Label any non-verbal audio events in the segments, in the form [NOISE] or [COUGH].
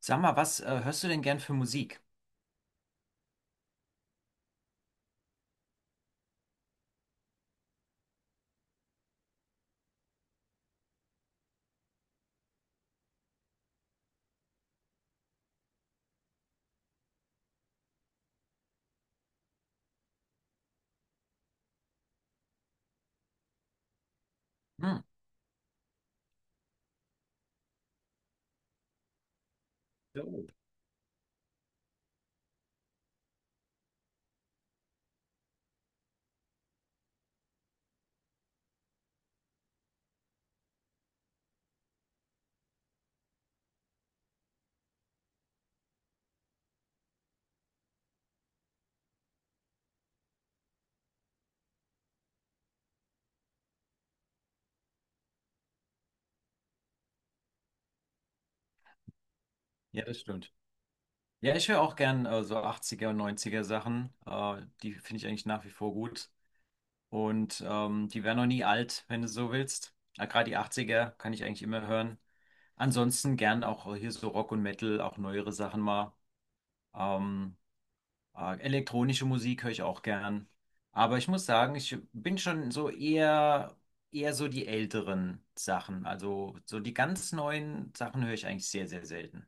Sag mal, was hörst du denn gern für Musik? Hm. Ja, oh. Ja, das stimmt. Ja, ich höre auch gern so 80er und 90er Sachen. Die finde ich eigentlich nach wie vor gut. Und die werden noch nie alt, wenn du so willst. Gerade die 80er kann ich eigentlich immer hören. Ansonsten gern auch hier so Rock und Metal, auch neuere Sachen mal. Ähm, Ah, elektronische Musik höre ich auch gern. Aber ich muss sagen, ich bin schon so eher, so die älteren Sachen. Also so die ganz neuen Sachen höre ich eigentlich sehr, sehr selten.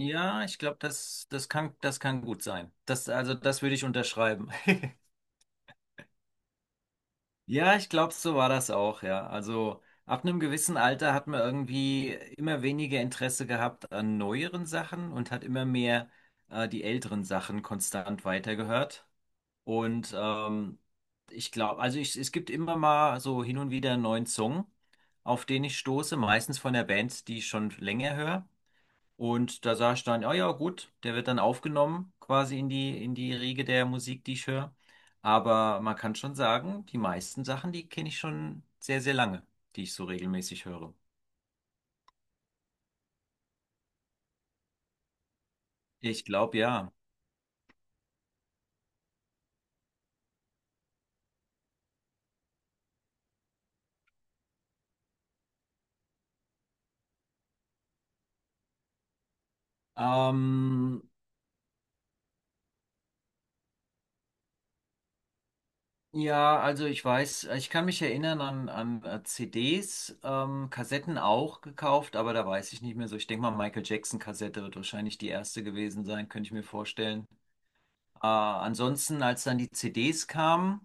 Ja, ich glaube, das kann gut sein. Also das würde ich unterschreiben. [LAUGHS] Ja, ich glaube, so war das auch, ja. Also ab einem gewissen Alter hat man irgendwie immer weniger Interesse gehabt an neueren Sachen und hat immer mehr die älteren Sachen konstant weitergehört. Und ich glaube, es gibt immer mal so hin und wieder einen neuen Song, auf den ich stoße, meistens von der Band, die ich schon länger höre. Und da sage ich dann, ja, ja, gut, der wird dann aufgenommen, quasi in die, Riege der Musik, die ich höre. Aber man kann schon sagen, die meisten Sachen, die kenne ich schon sehr, sehr lange, die ich so regelmäßig höre. Ich glaube, ja. Ähm, Ja, also ich weiß, ich kann mich erinnern an, CDs, Kassetten auch gekauft, aber da weiß ich nicht mehr so. Ich denke mal, Michael Jackson-Kassette wird wahrscheinlich die erste gewesen sein, könnte ich mir vorstellen. Ansonsten, als dann die CDs kamen,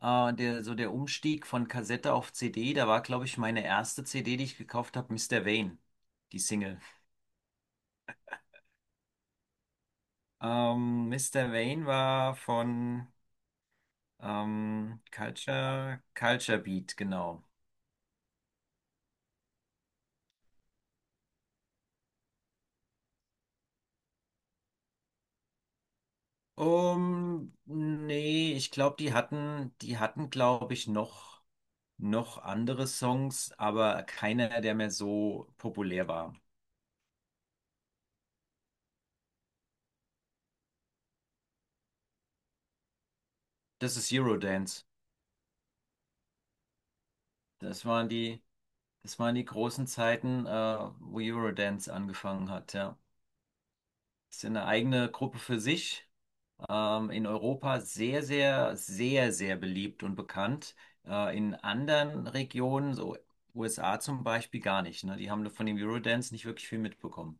so der Umstieg von Kassette auf CD, da war, glaube ich, meine erste CD, die ich gekauft habe, Mister Wayne, die Single. Mr. Vane war von Culture Beat, genau. Nee, ich glaube, die hatten, glaube ich, noch andere Songs, aber keiner, der mehr so populär war. Das ist Eurodance. Das waren die, Das waren die großen Zeiten, wo Eurodance angefangen hat, ja. Das ist ja eine eigene Gruppe für sich. In Europa sehr, sehr, sehr, sehr beliebt und bekannt. In anderen Regionen, so USA zum Beispiel, gar nicht, ne? Die haben von dem Eurodance nicht wirklich viel mitbekommen.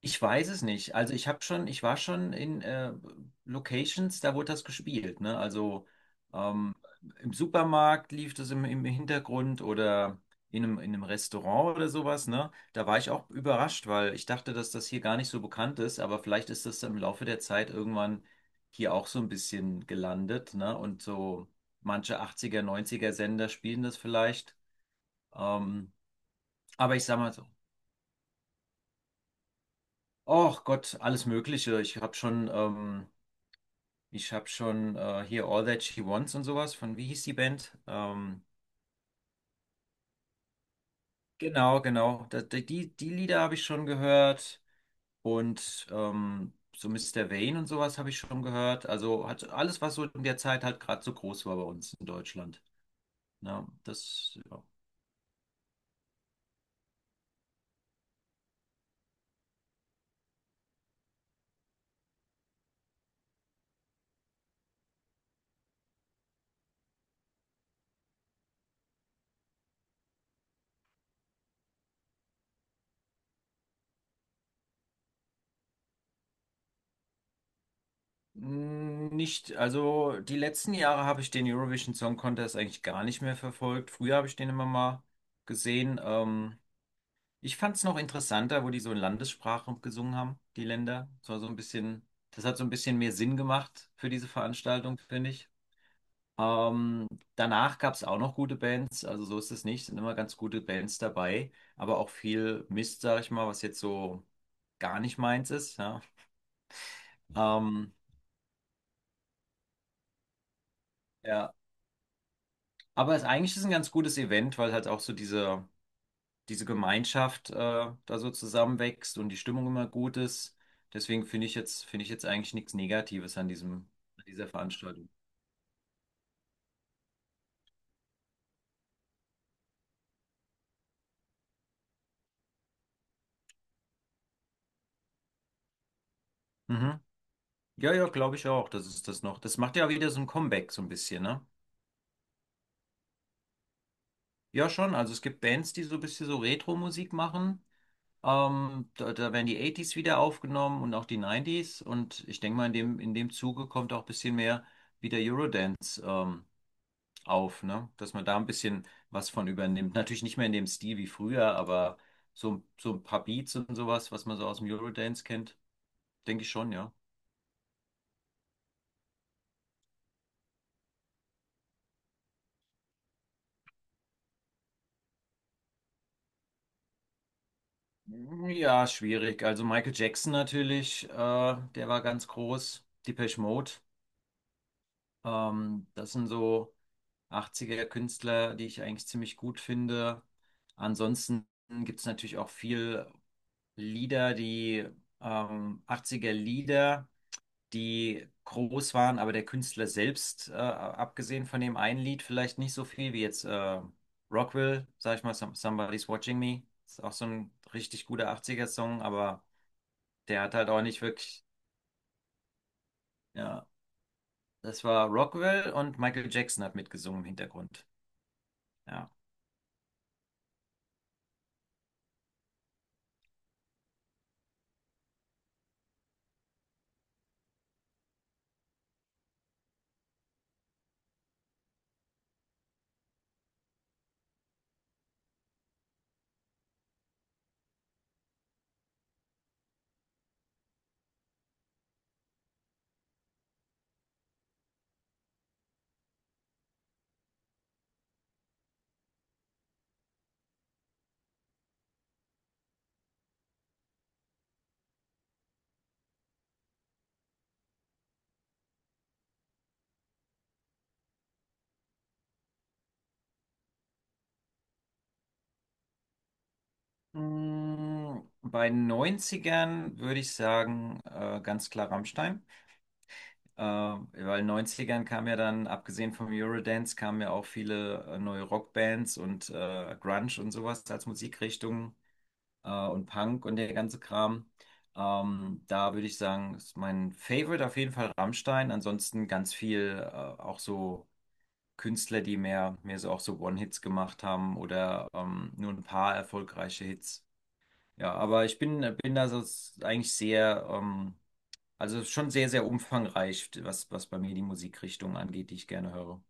Ich weiß es nicht. Also ich war schon in Locations, da wurde das gespielt, ne? Also ähm, im Supermarkt lief das im Hintergrund oder in einem Restaurant oder sowas, ne? Da war ich auch überrascht, weil ich dachte, dass das hier gar nicht so bekannt ist, aber vielleicht ist das im Laufe der Zeit irgendwann hier auch so ein bisschen gelandet, ne? Und so manche 80er, 90er Sender spielen das vielleicht. Ähm, aber ich sag mal so. Oh Gott, alles Mögliche. Ich habe schon hier All That She Wants und sowas von, wie hieß die Band? Genau, genau. Da, die Lieder habe ich schon gehört und so Mr. Vane und sowas habe ich schon gehört. Also hat alles, was so in der Zeit halt gerade so groß war bei uns in Deutschland. Ja, das ja. Nicht, also die letzten Jahre habe ich den Eurovision Song Contest eigentlich gar nicht mehr verfolgt. Früher habe ich den immer mal gesehen. Ich fand es noch interessanter, wo die so in Landessprache gesungen haben, die Länder. Das hat so ein bisschen mehr Sinn gemacht für diese Veranstaltung, finde ich. Ähm, Danach gab es auch noch gute Bands, also so ist es nicht, sind immer ganz gute Bands dabei, aber auch viel Mist, sag ich mal, was jetzt so gar nicht meins ist. Ja, ähm, ja. Aber eigentlich ist es ein ganz gutes Event, weil halt auch so diese Gemeinschaft da so zusammenwächst und die Stimmung immer gut ist. Deswegen finde ich jetzt eigentlich nichts Negatives an diesem, an dieser Veranstaltung. Mhm. Ja, ja, glaube ich auch, dass es das noch. Das macht ja wieder so ein Comeback so ein bisschen, ne? Ja, schon. Also es gibt Bands, die so ein bisschen so Retro-Musik machen. Da werden die 80 wieder aufgenommen und auch die 90. Und ich denke mal, in dem, Zuge kommt auch ein bisschen mehr wieder Eurodance. Auf, ne? Dass man da ein bisschen was von übernimmt. Natürlich nicht mehr in dem Stil wie früher, aber so ein paar Beats und sowas, was man so aus dem Eurodance kennt, denke ich schon, ja. Ja, schwierig. Also Michael Jackson natürlich, der war ganz groß. Depeche Mode, das sind so 80er Künstler, die ich eigentlich ziemlich gut finde. Ansonsten gibt es natürlich auch viel Lieder, die 80er Lieder, die groß waren, aber der Künstler selbst, abgesehen von dem einen Lied, vielleicht nicht so viel wie jetzt Rockwell, sag ich mal, Somebody's Watching Me. Ist auch so ein richtig guter achtziger Song, aber der hat halt auch nicht wirklich, ja. Das war Rockwell und Michael Jackson hat mitgesungen im Hintergrund. Ja. Bei Neunzigern würde ich sagen, ganz klar Rammstein. Weil in den Neunzigern kam ja dann, abgesehen vom Eurodance, kamen ja auch viele neue Rockbands und Grunge und sowas als Musikrichtung und Punk und der ganze Kram. Da würde ich sagen, ist mein Favorite auf jeden Fall Rammstein. Ansonsten ganz viel auch so Künstler, die mehr, so auch so One-Hits gemacht haben oder nur ein paar erfolgreiche Hits. Ja, aber ich bin, da so eigentlich sehr also es ist schon sehr, sehr umfangreich, was, bei mir die Musikrichtung angeht, die ich gerne höre.